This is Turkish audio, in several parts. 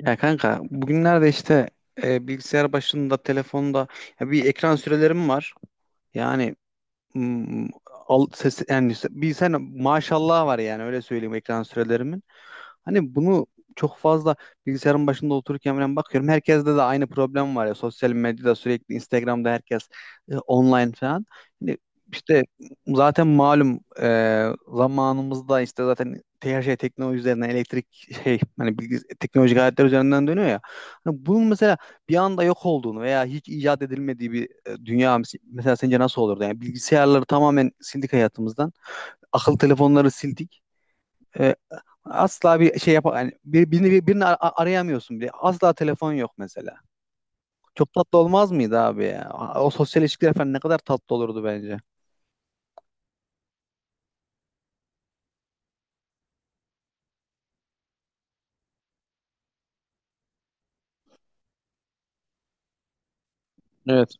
Ya kanka bugünlerde işte bilgisayar başında, telefonda ya bir ekran sürelerim var. Yani Hmm, al, ses, yani bir sen maşallah var yani öyle söyleyeyim ekran sürelerimin. Hani bunu çok fazla bilgisayarın başında otururken falan bakıyorum. Herkeste de aynı problem var ya. Sosyal medyada sürekli Instagram'da herkes online falan. Hani işte zaten malum zamanımızda işte zaten her şey teknoloji üzerinden elektrik şey hani teknolojik aletler üzerinden dönüyor ya. Hani bunun mesela bir anda yok olduğunu veya hiç icat edilmediği bir dünya mesela sence nasıl olurdu? Yani bilgisayarları tamamen sildik hayatımızdan. Akıllı telefonları sildik. E, Asla bir şey yap yani birini arayamıyorsun bile. Asla telefon yok mesela. Çok tatlı olmaz mıydı abi ya? O sosyal ilişkiler falan ne kadar tatlı olurdu bence. Evet.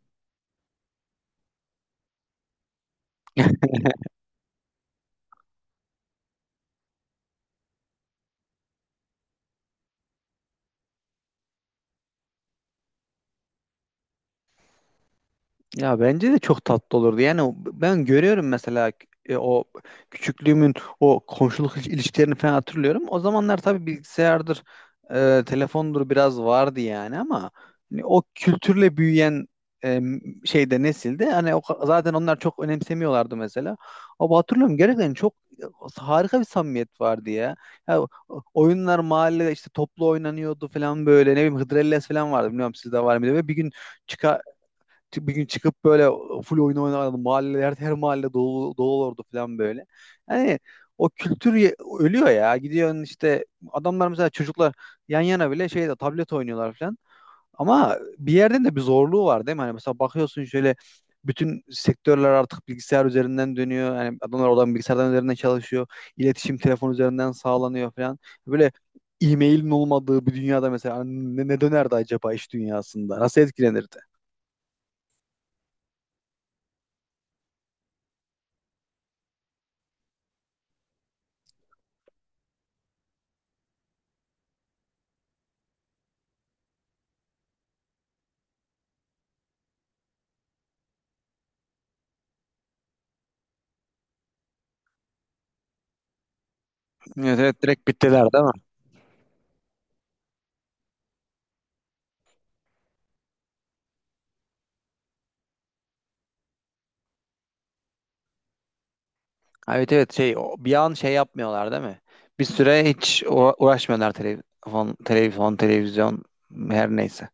Ya bence de çok tatlı olurdu. Yani ben görüyorum mesela o küçüklüğümün o komşuluk ilişkilerini falan hatırlıyorum. O zamanlar tabii bilgisayardır, telefondur biraz vardı yani ama hani o kültürle büyüyen e, şeyde nesilde hani zaten onlar çok önemsemiyorlardı mesela. Ama hatırlıyorum gerçekten çok e, harika bir samimiyet vardı ya. Ya o- Oyunlar mahallede işte toplu oynanıyordu falan böyle ne bileyim Hıdrellez falan vardı bilmiyorum sizde var mıydı ve bir gün çıkıp böyle full oyun oynardım. Her her mahalle dolu, dolu olurdu falan böyle. Yani o kültür ölüyor ya. Gidiyorsun işte adamlar mesela çocuklar yan yana bile şeyde tablet oynuyorlar falan. Ama bir yerden de bir zorluğu var değil mi? Hani mesela bakıyorsun şöyle bütün sektörler artık bilgisayar üzerinden dönüyor. Yani adamlar oradan bilgisayardan üzerinden çalışıyor. İletişim telefon üzerinden sağlanıyor falan. Böyle e-mailin olmadığı bir dünyada mesela ne dönerdi acaba iş dünyasında? Nasıl etkilenirdi? Evet, evet direkt bittiler değil mi? Ha, evet evet şey bir an şey yapmıyorlar değil mi? Bir süre hiç uğraşmıyorlar telefon televizyon her neyse.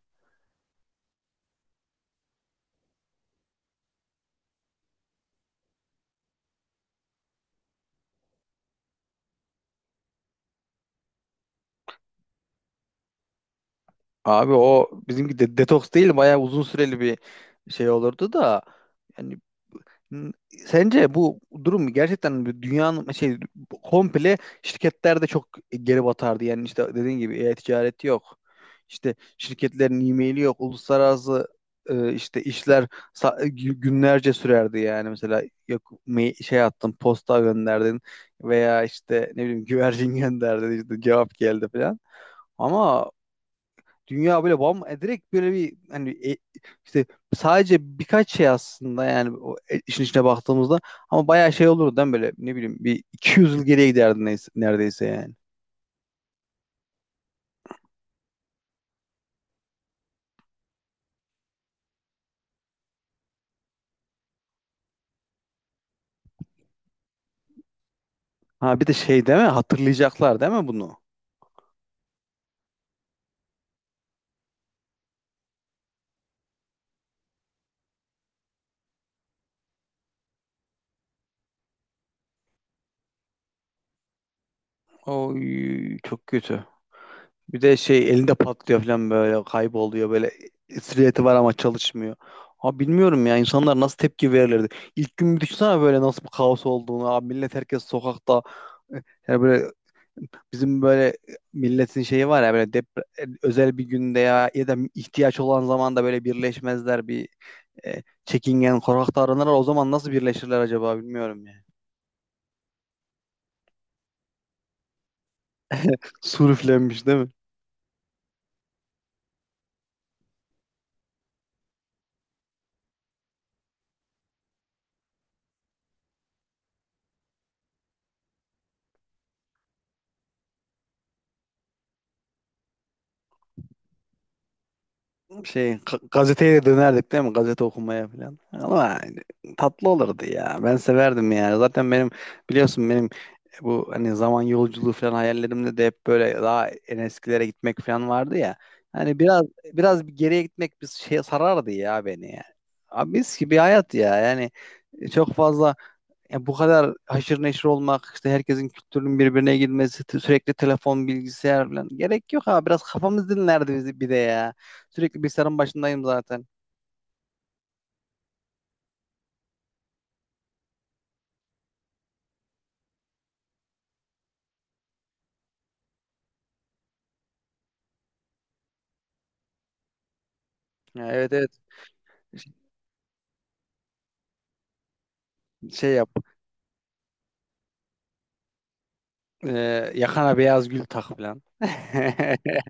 Abi o bizimki de detoks değil bayağı uzun süreli bir şey olurdu da yani N- Sence bu durum gerçekten bir dünyanın şey komple şirketlerde çok geri batardı. Yani işte dediğin gibi e-ticaret yok. İşte şirketlerin e-maili yok. Uluslararası işte işler günlerce sürerdi yani. Mesela yok şey attın, posta gönderdin veya işte ne bileyim güvercin gönderdin işte cevap geldi falan. Ama dünya böyle bam direkt böyle bir hani işte sadece birkaç şey aslında yani o işin içine baktığımızda ama bayağı şey olurdu değil mi? Böyle ne bileyim bir 200 yıl geriye giderdi neyse, neredeyse yani. Ha bir de şey değil mi? Hatırlayacaklar değil mi bunu? Oy çok kötü. Bir de şey elinde patlıyor falan böyle kayboluyor böyle silüeti var ama çalışmıyor. Abi bilmiyorum ya insanlar nasıl tepki verirlerdi. İlk gün bir düşünsene böyle nasıl bir kaos olduğunu. Abi millet herkes sokakta. e, Yani böyle bizim böyle milletin şeyi var ya böyle özel bir günde ya ya da ihtiyaç olan zaman da böyle birleşmezler bir çekingen korkak davranırlar. O zaman nasıl birleşirler acaba bilmiyorum ya. Sur üflenmiş değil mi? Şey gazeteye dönerdik değil mi? Gazete okumaya falan. Ama yani tatlı olurdu ya. Ben severdim ya. Zaten benim biliyorsun benim bu hani zaman yolculuğu falan hayallerimde de hep böyle daha en eskilere gitmek falan vardı ya. Hani biraz bir geriye gitmek bir şey sarardı ya beni ya. Abi mis gibi hayat ya. Yani çok fazla yani bu kadar haşır neşir olmak, işte herkesin kültürünün birbirine girmesi, sürekli telefon, bilgisayar falan. Gerek yok ha. Biraz kafamız dinlerdi bizi bir de ya. Sürekli bilgisayarın başındayım zaten. Ya, evet evet. Şey yap. E, Yakana beyaz gül tak falan.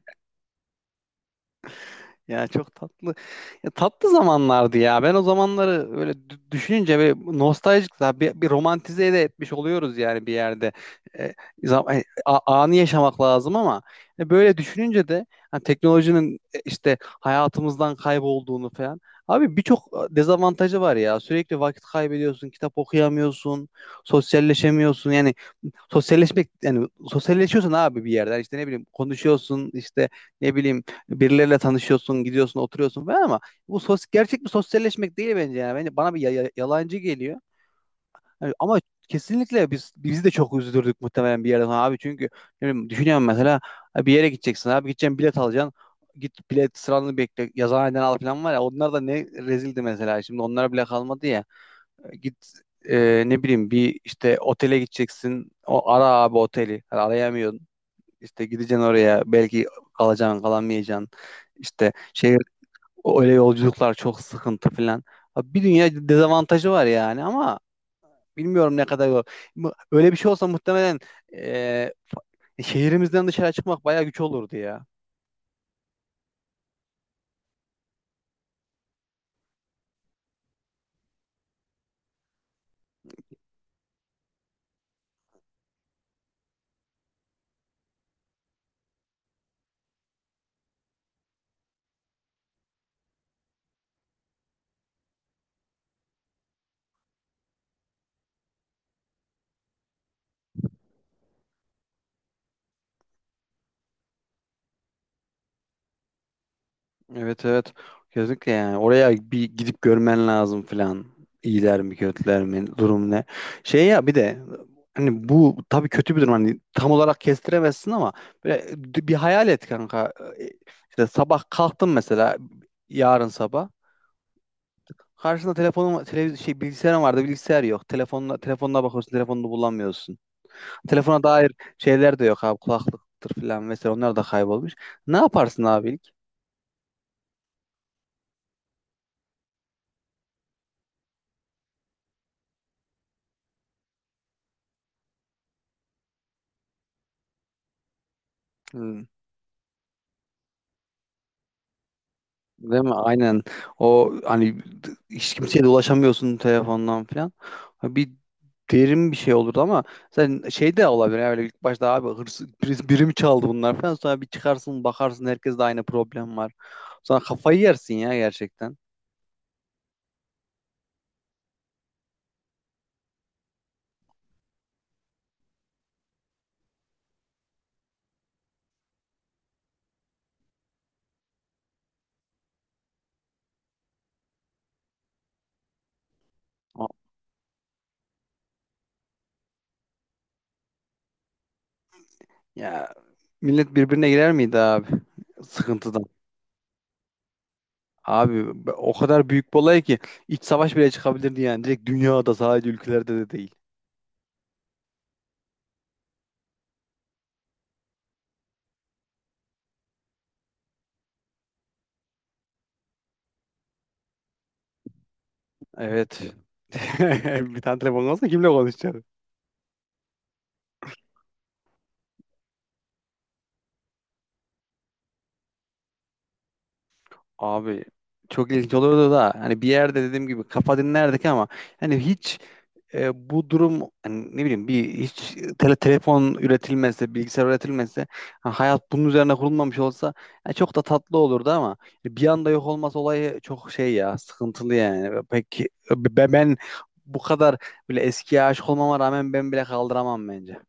Ya çok tatlı. Ya tatlı zamanlardı ya. Ben o zamanları öyle düşününce bir nostaljik daha bir romantize de etmiş oluyoruz yani bir yerde. E, Anı yaşamak lazım ama böyle düşününce de hani teknolojinin işte hayatımızdan kaybolduğunu falan. Abi birçok dezavantajı var ya. Sürekli vakit kaybediyorsun, kitap okuyamıyorsun, sosyalleşemiyorsun. Yani sosyalleşmek yani sosyalleşiyorsun abi bir yerden. İşte ne bileyim konuşuyorsun, işte ne bileyim birileriyle tanışıyorsun, gidiyorsun, oturuyorsun falan ama bu sos gerçek bir sosyalleşmek değil bence yani. Bence bana bir yalancı geliyor. Yani ama kesinlikle bizi de çok üzdürdük muhtemelen bir yerden sonra abi çünkü ne bileyim, düşünüyorum mesela abi bir yere gideceksin abi gideceksin bilet alacaksın. Git bilet sıranı bekle yazıhaneden al falan var ya onlar da ne rezildi mesela şimdi onlar bile kalmadı ya. Git ne bileyim bir işte otele gideceksin o ara abi oteli yani arayamıyorsun işte gideceksin oraya belki kalacaksın kalamayacaksın işte şey o öyle yolculuklar çok sıkıntı falan. Abi bir dünya dezavantajı var yani ama bilmiyorum ne kadar yol. Öyle bir şey olsa muhtemelen şehrimizden dışarı çıkmak bayağı güç olurdu ya. Evet evet. Kesinlikle yani. Oraya bir gidip görmen lazım falan. İyiler mi kötüler mi durum ne. Şey ya bir de hani bu tabii kötü bir durum. Hani tam olarak kestiremezsin ama böyle bir hayal et kanka. E, İşte sabah kalktın mesela yarın sabah. Karşında telefonun televiz şey bilgisayarın vardı. Bilgisayar yok. Telefonla telefonuna bakıyorsun. Telefonunu bulamıyorsun. Telefona dair şeyler de yok abi. Kulaklıktır falan vesaire. Onlar da kaybolmuş. Ne yaparsın abi ilk? Hmm, değil mi? Aynen. O hani hiç kimseye de ulaşamıyorsun telefondan falan. Bir derin bir şey olurdu ama sen şey de olabilir. Yani böyle ilk başta abi hırsız birisi birim çaldı bunlar falan. Sonra bir çıkarsın bakarsın herkes de aynı problem var. Sonra kafayı yersin ya gerçekten. Ya millet birbirine girer miydi abi sıkıntıdan? Abi o kadar büyük bir olay ki iç savaş bile çıkabilirdi yani. Direkt dünyada sadece ülkelerde de değil. Evet. Bir tane telefon olsa kimle konuşacaksın? Abi çok ilginç olurdu da hani bir yerde dediğim gibi kafa dinlerdik ama hani hiç bu durum hani ne bileyim bir hiç telefon üretilmezse, bilgisayar üretilmezse, ha, hayat bunun üzerine kurulmamış olsa ya çok da tatlı olurdu ama bir anda yok olması olayı çok şey ya sıkıntılı yani. Peki ben bu kadar bile eskiye aşık olmama rağmen ben bile kaldıramam bence.